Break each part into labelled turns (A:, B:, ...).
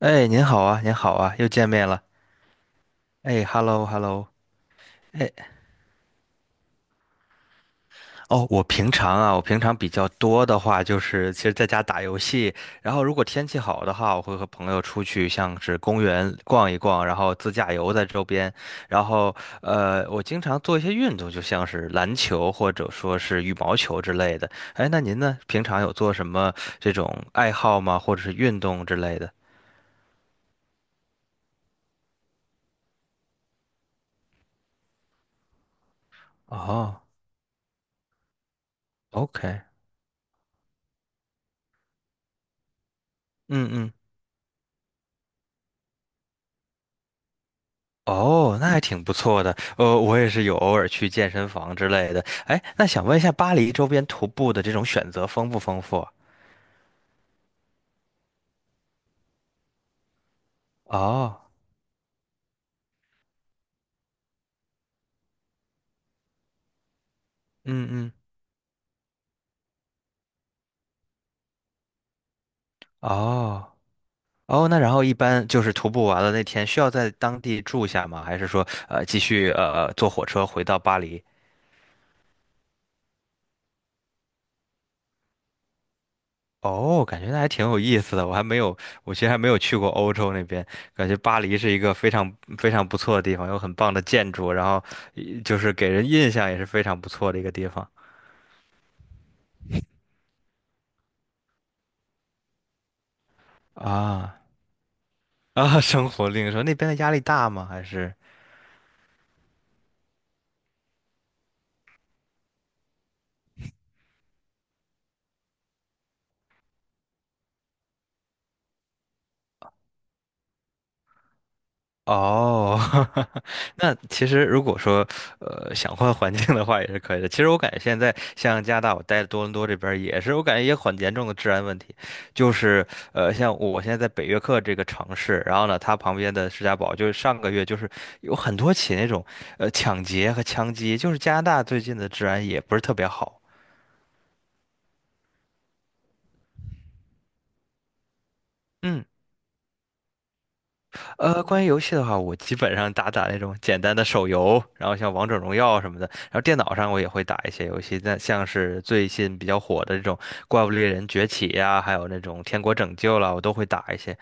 A: 哎，您好啊，您好啊，又见面了。哎，hello hello。哦，我平常啊，我平常比较多的话就是，其实在家打游戏，然后如果天气好的话，我会和朋友出去，像是公园逛一逛，然后自驾游在周边，然后我经常做一些运动，就像是篮球或者说是羽毛球之类的。哎，那您呢？平常有做什么这种爱好吗？或者是运动之类的？哦，OK，嗯嗯。哦，那还挺不错的。呃，我也是有偶尔去健身房之类的。哎，那想问一下，巴黎周边徒步的这种选择丰不丰富？哦，嗯嗯，哦哦，那然后一般就是徒步完了那天需要在当地住下吗？还是说继续坐火车回到巴黎？哦，感觉那还挺有意思的。我还没有，我其实还没有去过欧洲那边，感觉巴黎是一个非常非常不错的地方，有很棒的建筑，然后就是给人印象也是非常不错的一个地方。啊啊，生活另说那边的压力大吗？还是哦，那其实如果说想换环境的话也是可以的。其实我感觉现在像加拿大，我待多伦多这边儿也是，我感觉也很严重的治安问题。就是像我现在在北约克这个城市，然后呢，它旁边的士嘉堡，就是上个月就是有很多起那种抢劫和枪击，就是加拿大最近的治安也不是特别好。嗯。呃，关于游戏的话，我基本上打打那种简单的手游，然后像王者荣耀什么的，然后电脑上我也会打一些游戏，但像是最近比较火的这种《怪物猎人崛起》呀，还有那种《天国拯救》啦，我都会打一些。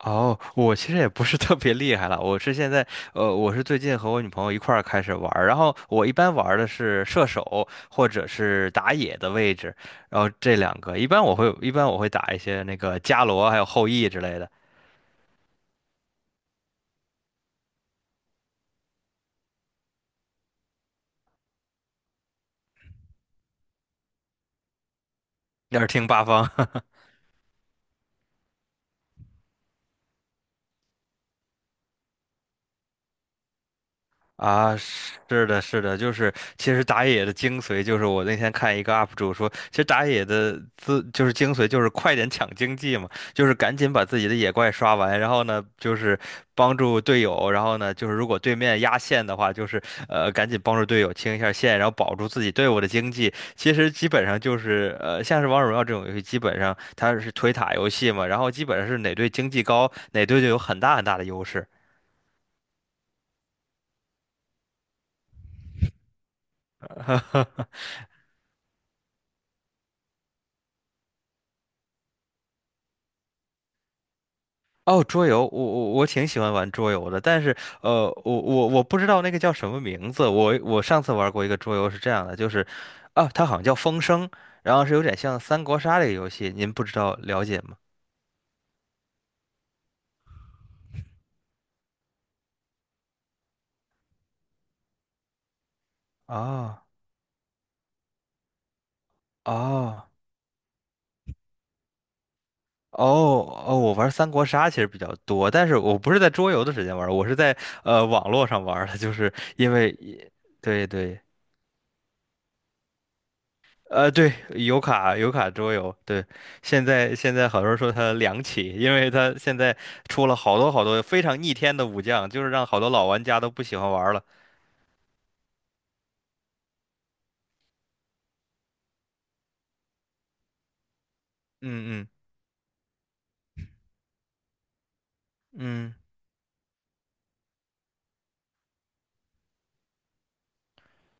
A: 哦，我其实也不是特别厉害了，我是现在，呃，我是最近和我女朋友一块儿开始玩儿，然后我一般玩儿的是射手或者是打野的位置，然后这两个，一般我会打一些那个伽罗还有后羿之类的，要是听八方。啊，是的，是的，就是其实打野的精髓就是我那天看一个 UP 主说，其实打野的自就是精髓就是快点抢经济嘛，就是赶紧把自己的野怪刷完，然后呢就是帮助队友，然后呢就是如果对面压线的话，就是赶紧帮助队友清一下线，然后保住自己队伍的经济。其实基本上就是像是王者荣耀这种游戏，基本上它是推塔游戏嘛，然后基本上是哪队经济高，哪队就有很大的优势。哦，桌游，我挺喜欢玩桌游的，但是我不知道那个叫什么名字。我上次玩过一个桌游是这样的，就是啊，它好像叫《风声》，然后是有点像三国杀这个游戏，您不知道了解吗？啊哦哦哦，我玩三国杀其实比较多，但是我不是在桌游的时间玩儿我是在网络上玩儿的，就是因为对对。呃，对，油卡桌游，对，现在好多人说它凉起，因为它现在出了好多非常逆天的武将，就是让好多老玩家都不喜欢玩了。嗯嗯嗯，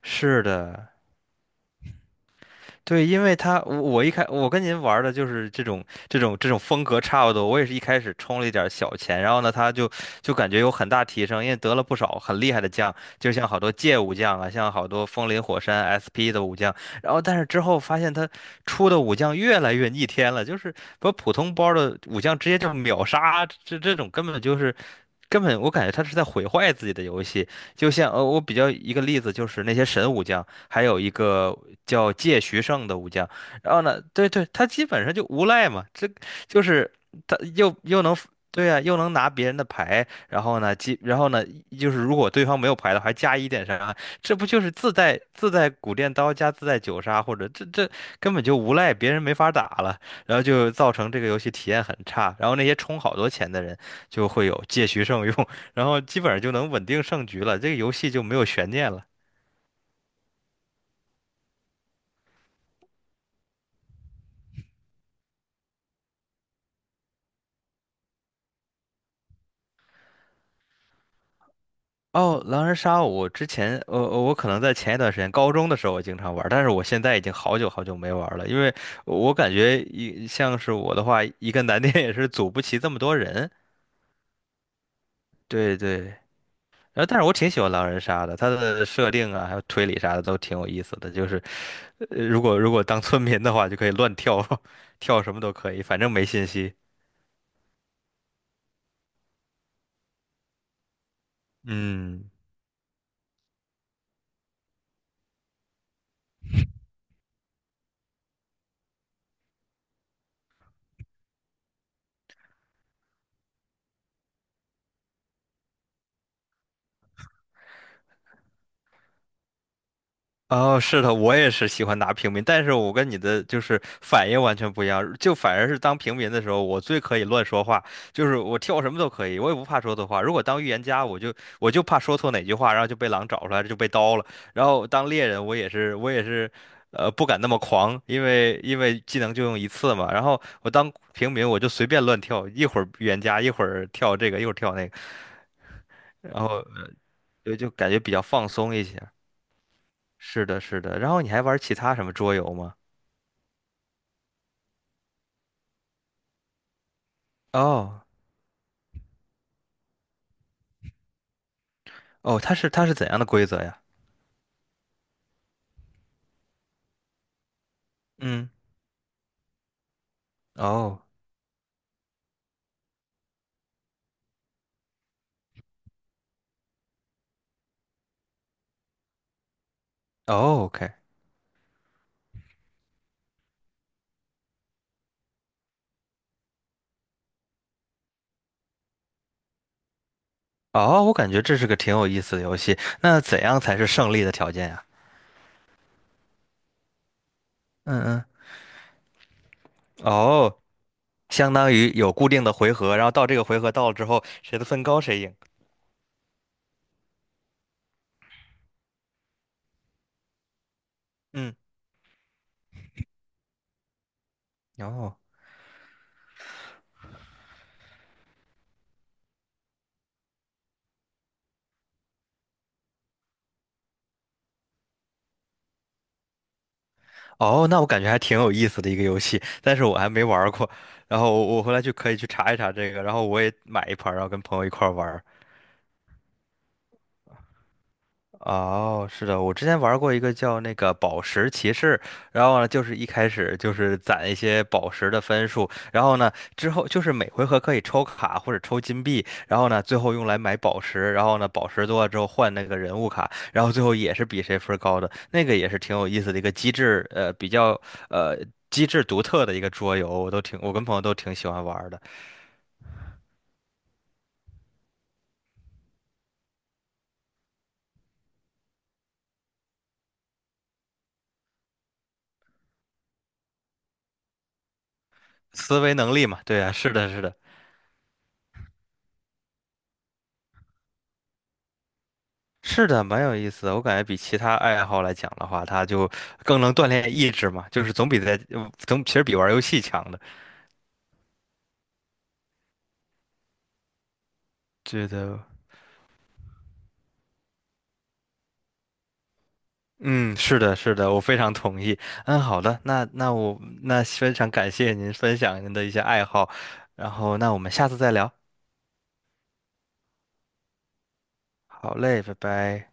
A: 是的。对，因为他我一开我跟您玩儿的就是这种风格差不多，我也是一开始充了一点儿小钱，然后呢，他就感觉有很大提升，因为得了不少很厉害的将，就像好多界武将啊，像好多风林火山 SP 的武将，然后但是之后发现他出的武将越来越逆天了，就是把普通包的武将直接就秒杀，这种根本就是。根本我感觉他是在毁坏自己的游戏，就像我比较一个例子就是那些神武将，还有一个叫借徐胜的武将。然后呢，对对，他基本上就无赖嘛，这就是他又能对啊，又能拿别人的牌，然后呢，就是如果对方没有牌的话，还加一点伤害，这不就是自带古电刀加自带九杀，或者这根本就无赖，别人没法打了，然后就造成这个游戏体验很差，然后那些充好多钱的人就会有借徐胜用，然后基本上就能稳定胜局了，这个游戏就没有悬念了。哦，狼人杀，我之前，呃，我可能在前一段时间，高中的时候我经常玩儿但是我现在已经好久没玩儿了，因为我感觉一像是我的话，一个难点也是组不齐这么多人。对对，然后但是我挺喜欢狼人杀的，它的设定啊，还有推理啥的都挺有意思的，就是，呃，如果当村民的话，就可以乱跳，跳什么都可以，反正没信息。嗯。哦，是的，我也是喜欢拿平民，但是我跟你的就是反应完全不一样，就反而是当平民的时候，我最可以乱说话，就是我跳什么都可以，我也不怕说错话。如果当预言家，我就怕说错哪句话，然后就被狼找出来，就被刀了。然后当猎人，我也是，呃，不敢那么狂，因为技能就用一次嘛。然后我当平民，我就随便乱跳，一会儿预言家，一会儿跳这个，一会儿跳那个，然后就感觉比较放松一些。是的，是的。然后你还玩其他什么桌游吗？哦哦，它是怎样的规则呀？嗯，哦哦，OK，哦，我感觉这是个挺有意思的游戏。那怎样才是胜利的条件呀？嗯嗯，哦，相当于有固定的回合，然后到这个回合到了之后，谁的分高谁赢。嗯，哦哦，那我感觉还挺有意思的一个游戏，但是我还没玩儿过。然后我回来就可以去查一查这个，然后我也买一盘儿然后跟朋友一块儿玩。哦，是的，我之前玩过一个叫那个宝石骑士，然后呢，就是一开始就是攒一些宝石的分数，然后呢，之后就是每回合可以抽卡或者抽金币，然后呢，最后用来买宝石，然后呢，宝石多了之后换那个人物卡，然后最后也是比谁分儿高的，那个也是挺有意思的一个机制，呃，比较呃机制独特的一个桌游，我都挺，我跟朋友都挺喜欢玩儿的，思维能力嘛，对啊，是的，是的。是的，蛮有意思的。我感觉比其他爱好来讲的话，它就更能锻炼意志嘛，就是总比在总其实比玩游戏强的。觉得，嗯，是的，是的，我非常同意。嗯，好的，那我非常感谢您分享您的一些爱好，然后那我们下次再聊。好嘞，拜拜。